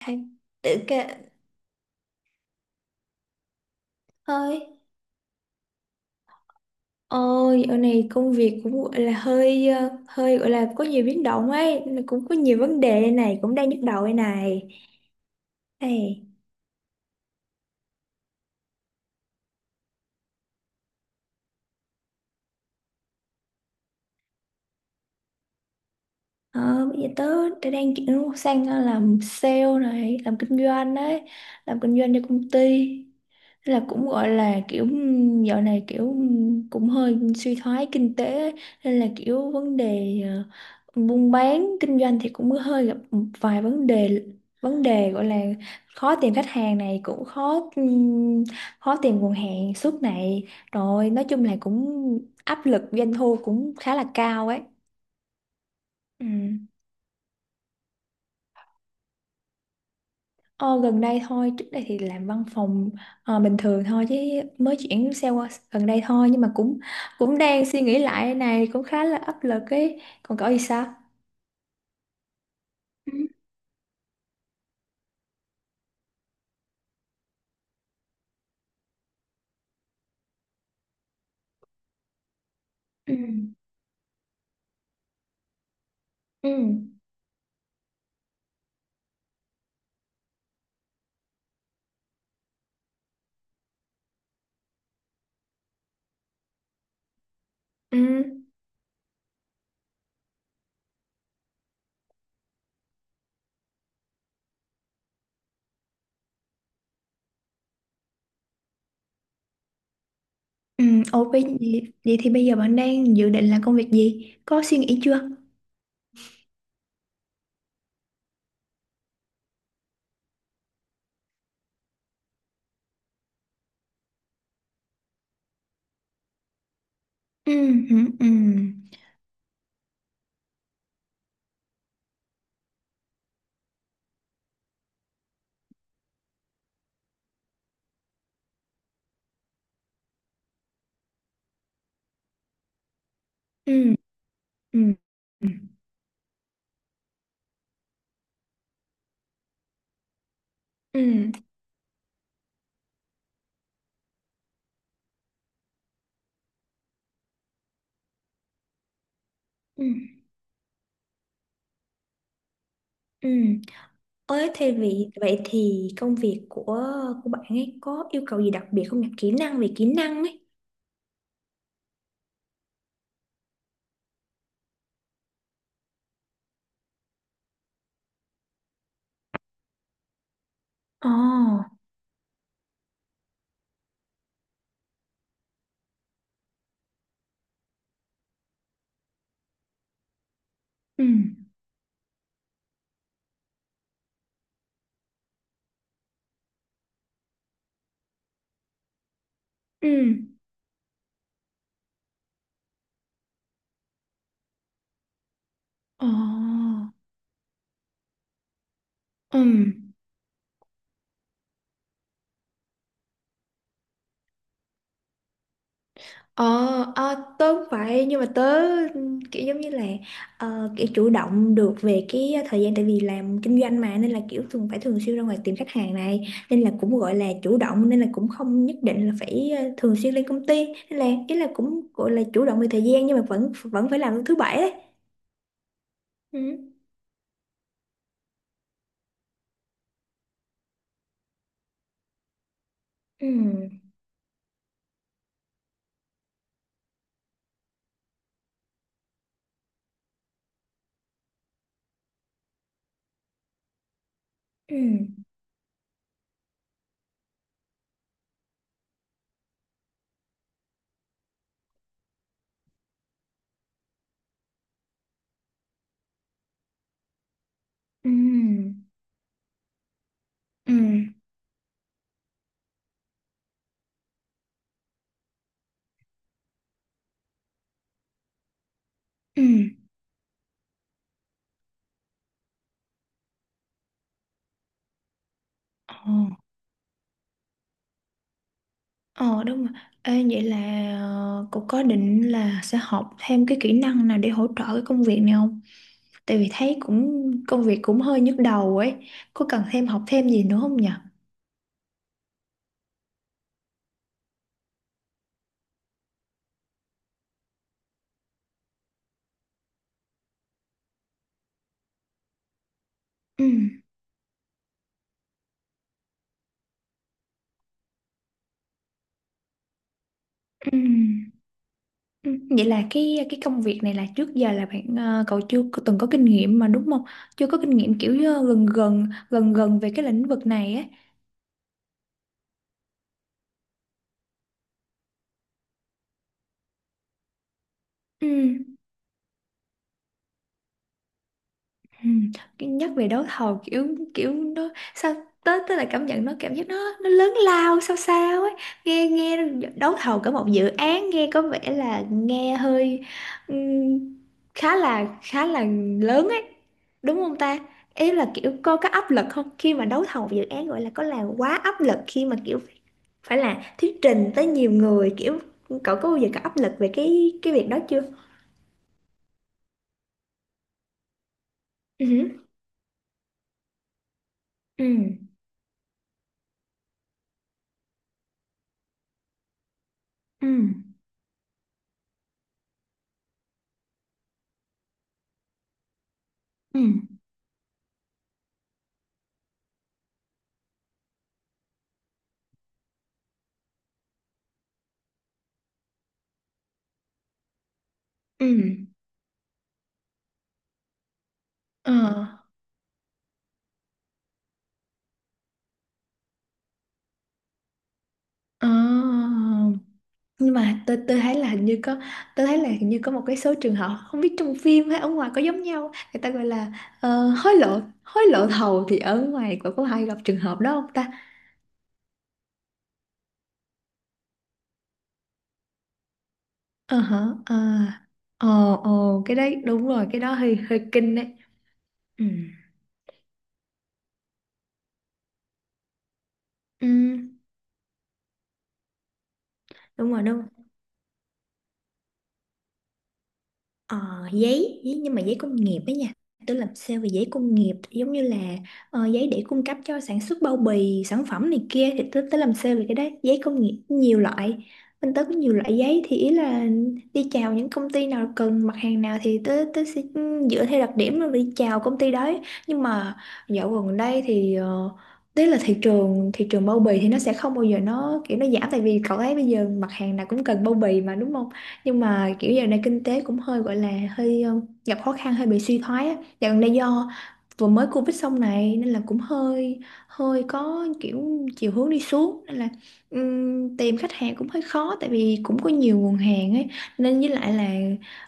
Hay tự kệ hơi ôi ở này công việc cũng gọi là hơi hơi gọi là có nhiều biến động ấy nên là cũng có nhiều vấn đề đây này cũng đang nhức đầu đây này này ờ, bây giờ tớ đang chuyển sang làm sale này làm kinh doanh đấy, làm kinh doanh cho công ty. Thế là cũng gọi là kiểu dạo này kiểu cũng hơi suy thoái kinh tế ấy. Nên là kiểu vấn đề buôn bán kinh doanh thì cũng hơi gặp một vài vấn đề, vấn đề gọi là khó tìm khách hàng này cũng khó khó tìm nguồn hàng suốt này, rồi nói chung là cũng áp lực doanh thu cũng khá là cao ấy. Ừ. Ờ, gần đây thôi, trước đây thì làm văn phòng bình thường thôi chứ mới chuyển xe qua gần đây thôi nhưng mà cũng cũng đang suy nghĩ lại này cũng khá là áp lực ấy. Còn cậu thì sao? Ừ. Ừ. Ừ. Ừ. Ừ. Ok, vậy, vậy thì bây giờ bạn đang dự định làm công việc gì? Có suy nghĩ chưa? Ừ. Ừ. Ừ. Ừ. Ừ. Ừ. Ừ. Ừ. Ừ. Ôi, thế vì vậy thì công việc của bạn ấy có yêu cầu gì đặc biệt không nhỉ? Kỹ năng, về kỹ năng ấy. Ồ, ừ, ừ, ồ, ừ, ờ, à, tớ cũng vậy nhưng mà tớ kiểu giống như là kiểu chủ động được về cái thời gian tại vì làm kinh doanh mà nên là kiểu thường phải thường xuyên ra ngoài tìm khách hàng này, nên là cũng gọi là chủ động nên là cũng không nhất định là phải thường xuyên lên công ty nên là ý là cũng gọi là chủ động về thời gian nhưng mà vẫn vẫn phải làm thứ bảy đấy. Ừ, ừ, ừ, ừ, ừ, ừ, ồ. Ờ đúng rồi. Ê, vậy là cô có định là sẽ học thêm cái kỹ năng nào để hỗ trợ cái công việc này không? Tại vì thấy cũng công việc cũng hơi nhức đầu ấy. Có cần thêm, học thêm gì nữa không nhỉ? Ừ. Ừ. Ừ. Vậy là cái công việc này là trước giờ là bạn cậu chưa có- từng có kinh nghiệm mà đúng không? Chưa có kinh nghiệm kiểu gần gần gần gần về cái lĩnh vực này ấy. Ừ. Ừ. Cái- Nhắc về đấu thầu kiểu kiểu nó sao tới tới là cảm nhận nó, cảm giác nó lớn lao sao sao ấy, nghe nghe đấu thầu cả một dự án nghe có vẻ là nghe hơi ừm, khá là lớn ấy, đúng không ta? Ý là kiểu có áp lực không khi mà đấu thầu dự án, gọi là có là quá áp lực khi mà kiểu phải là thuyết trình tới nhiều người, kiểu cậu có bao giờ có áp lực về cái việc đó chưa? Ừ, ừ, ừ, ừ, ừ, ờ. Ờ, nhưng mà tôi thấy là hình như có, tôi thấy là hình như có một cái số trường hợp không biết trong phim hay ở ngoài có giống nhau, người ta gọi là hối lộ, hối lộ thầu, thì ở ngoài có hay gặp trường hợp đó không ta? Ờ hả ờ, ờ ờ, cái đấy đúng rồi, cái đó hơi hơi kinh đấy. Ừ. Ừ, đúng rồi đúng. Ờ, giấy, giấy nhưng mà giấy công nghiệp ấy nha. Tôi làm sale về giấy công nghiệp, giống như là giấy để cung cấp cho sản xuất bao bì sản phẩm này kia, thì tôi tới làm sale về cái đấy, giấy công nghiệp nhiều loại, bên tớ có nhiều loại giấy thì ý là đi chào những công ty nào cần mặt hàng nào thì tớ tớ sẽ dựa theo đặc điểm rồi đi chào công ty đấy. Nhưng mà dạo gần đây thì ờ, tức là thị trường, thị trường bao bì thì nó sẽ không bao giờ nó kiểu nó giảm, tại vì cậu thấy bây giờ mặt hàng nào cũng cần bao bì mà đúng không? Nhưng mà kiểu giờ này kinh tế cũng hơi gọi là hơi gặp khó khăn, hơi bị suy thoái á dạo gần đây, do vừa mới Covid xong này nên là cũng hơi hơi có kiểu chiều hướng đi xuống, nên là tìm khách hàng cũng hơi khó tại vì cũng có nhiều nguồn hàng ấy, nên với lại là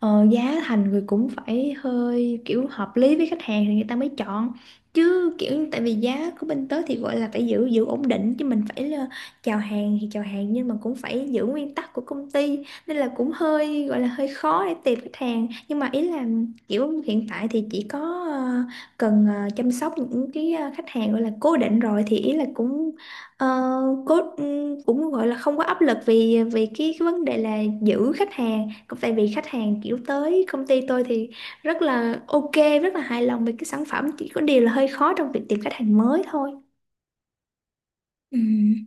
giá thành người cũng phải hơi kiểu hợp lý với khách hàng thì người ta mới chọn, chứ kiểu tại vì giá của bên tớ thì gọi là phải giữ giữ ổn định chứ mình phải là chào hàng thì chào hàng nhưng mà cũng phải giữ nguyên tắc của công ty, nên là cũng hơi gọi là hơi khó để tìm khách hàng, nhưng mà ý là kiểu hiện tại thì chỉ có ờ, cần chăm sóc những cái khách hàng gọi là cố định rồi thì ý là cũng ờ, cố cũng gọi là không có áp lực vì vì cái vấn đề là giữ khách hàng, cũng tại vì khách hàng kiểu tới công ty tôi thì rất là ok, rất là hài lòng về cái sản phẩm, chỉ có điều là hơi khó trong việc tìm khách hàng mới thôi. Ừm,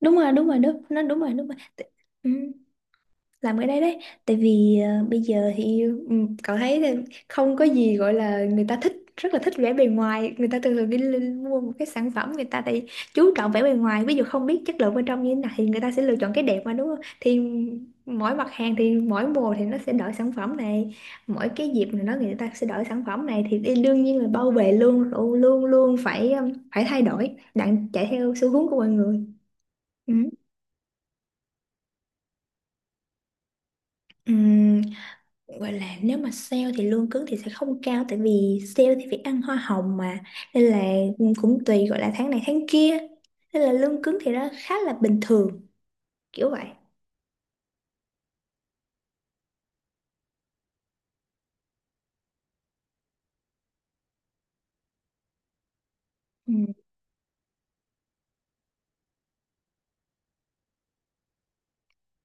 đúng rồi, đúng rồi đúng, nó đúng rồi đúng rồi, Tự- ừm, làm cái đấy đấy. Tại vì bây giờ thì ừ, cậu thấy là không có gì gọi là, người ta thích, rất là thích vẻ bề ngoài, người ta thường thường đi lên mua một cái sản phẩm người ta thì chú trọng vẻ bề ngoài, ví dụ không biết chất lượng bên trong như thế nào thì người ta sẽ lựa chọn cái đẹp mà đúng không, thì mỗi mặt hàng thì mỗi mùa thì nó sẽ đổi sản phẩm này, mỗi cái dịp này nó người ta sẽ đổi sản phẩm này thì đi- đương nhiên là bao bì luôn luôn luôn luôn phải phải thay đổi đặng chạy theo xu hướng của mọi người. Ừ. Ừ, gọi là nếu mà sale thì lương cứng thì sẽ không cao, tại vì sale thì phải ăn hoa hồng mà, nên là cũng tùy gọi là tháng này tháng kia, nên là lương cứng thì nó khá là bình thường, kiểu vậy. Ừ.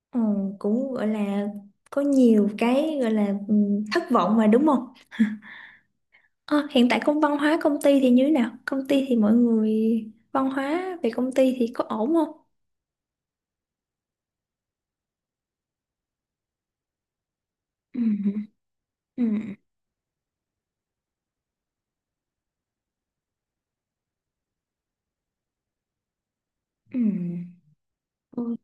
Ờ, cũng gọi là có nhiều cái gọi là thất vọng mà đúng không. Ờ, hiện tại công, văn hóa công ty thì như thế nào, công ty thì mọi người, văn hóa về công ty thì có ổn không? Ừ. Ừ. Ừ. Ừ.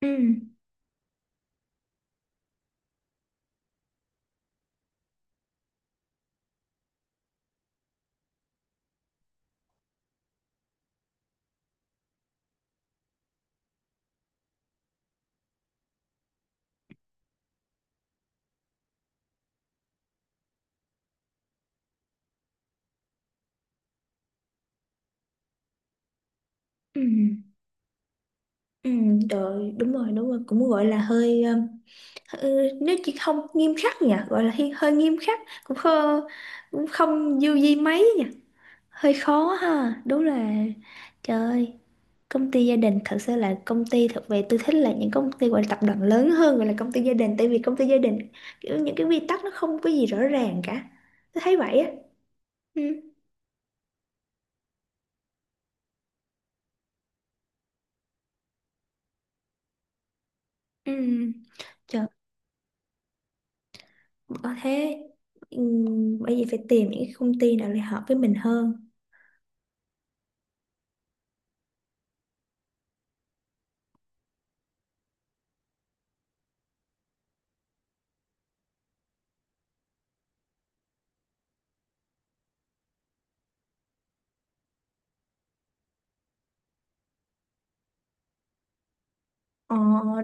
Ừ. Ừ. Ừ, rồi đúng rồi đúng rồi, cũng gọi là hơi ừ, nếu chỉ không nghiêm khắc nhỉ, gọi là hi- hơi nghiêm khắc, cũng không, cũng không du di mấy nhỉ, hơi khó ha đúng là. Trời ơi, công ty gia đình thật sự là công ty, thật về tôi thích là những công ty gọi là tập đoàn lớn hơn gọi là công ty gia đình, tại vì công ty gia đình kiểu những cái quy tắc nó không có gì rõ ràng cả, tôi thấy vậy á. Ừ. Ừ. Trời, có thế ừ, bởi vì phải tìm những cái công ty nào để hợp với mình hơn. Ờ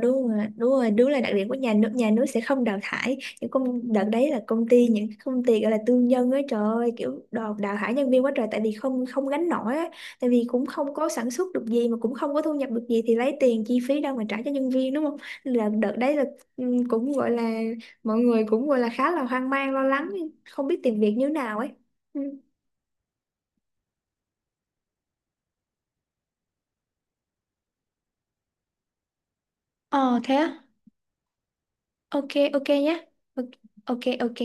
đúng rồi, đúng rồi, đúng là đặc điểm của nhà nước, nhà nước sẽ không đào thải những công, đợt đấy là công ty, những công ty gọi là tư nhân ấy, trời ơi kiểu đào đào thải nhân viên quá trời, tại vì không, không gánh nổi á, tại vì cũng không có sản xuất được gì mà cũng không có thu nhập được gì thì lấy tiền chi phí đâu mà trả cho nhân viên đúng không. Nên là đợt đấy là ừ, cũng gọi là mọi người cũng gọi là khá là hoang mang lo lắng, không biết tìm việc như nào ấy. Ừ. Ờ thế á? Ok, ok nhé. Ok, ok. Ok.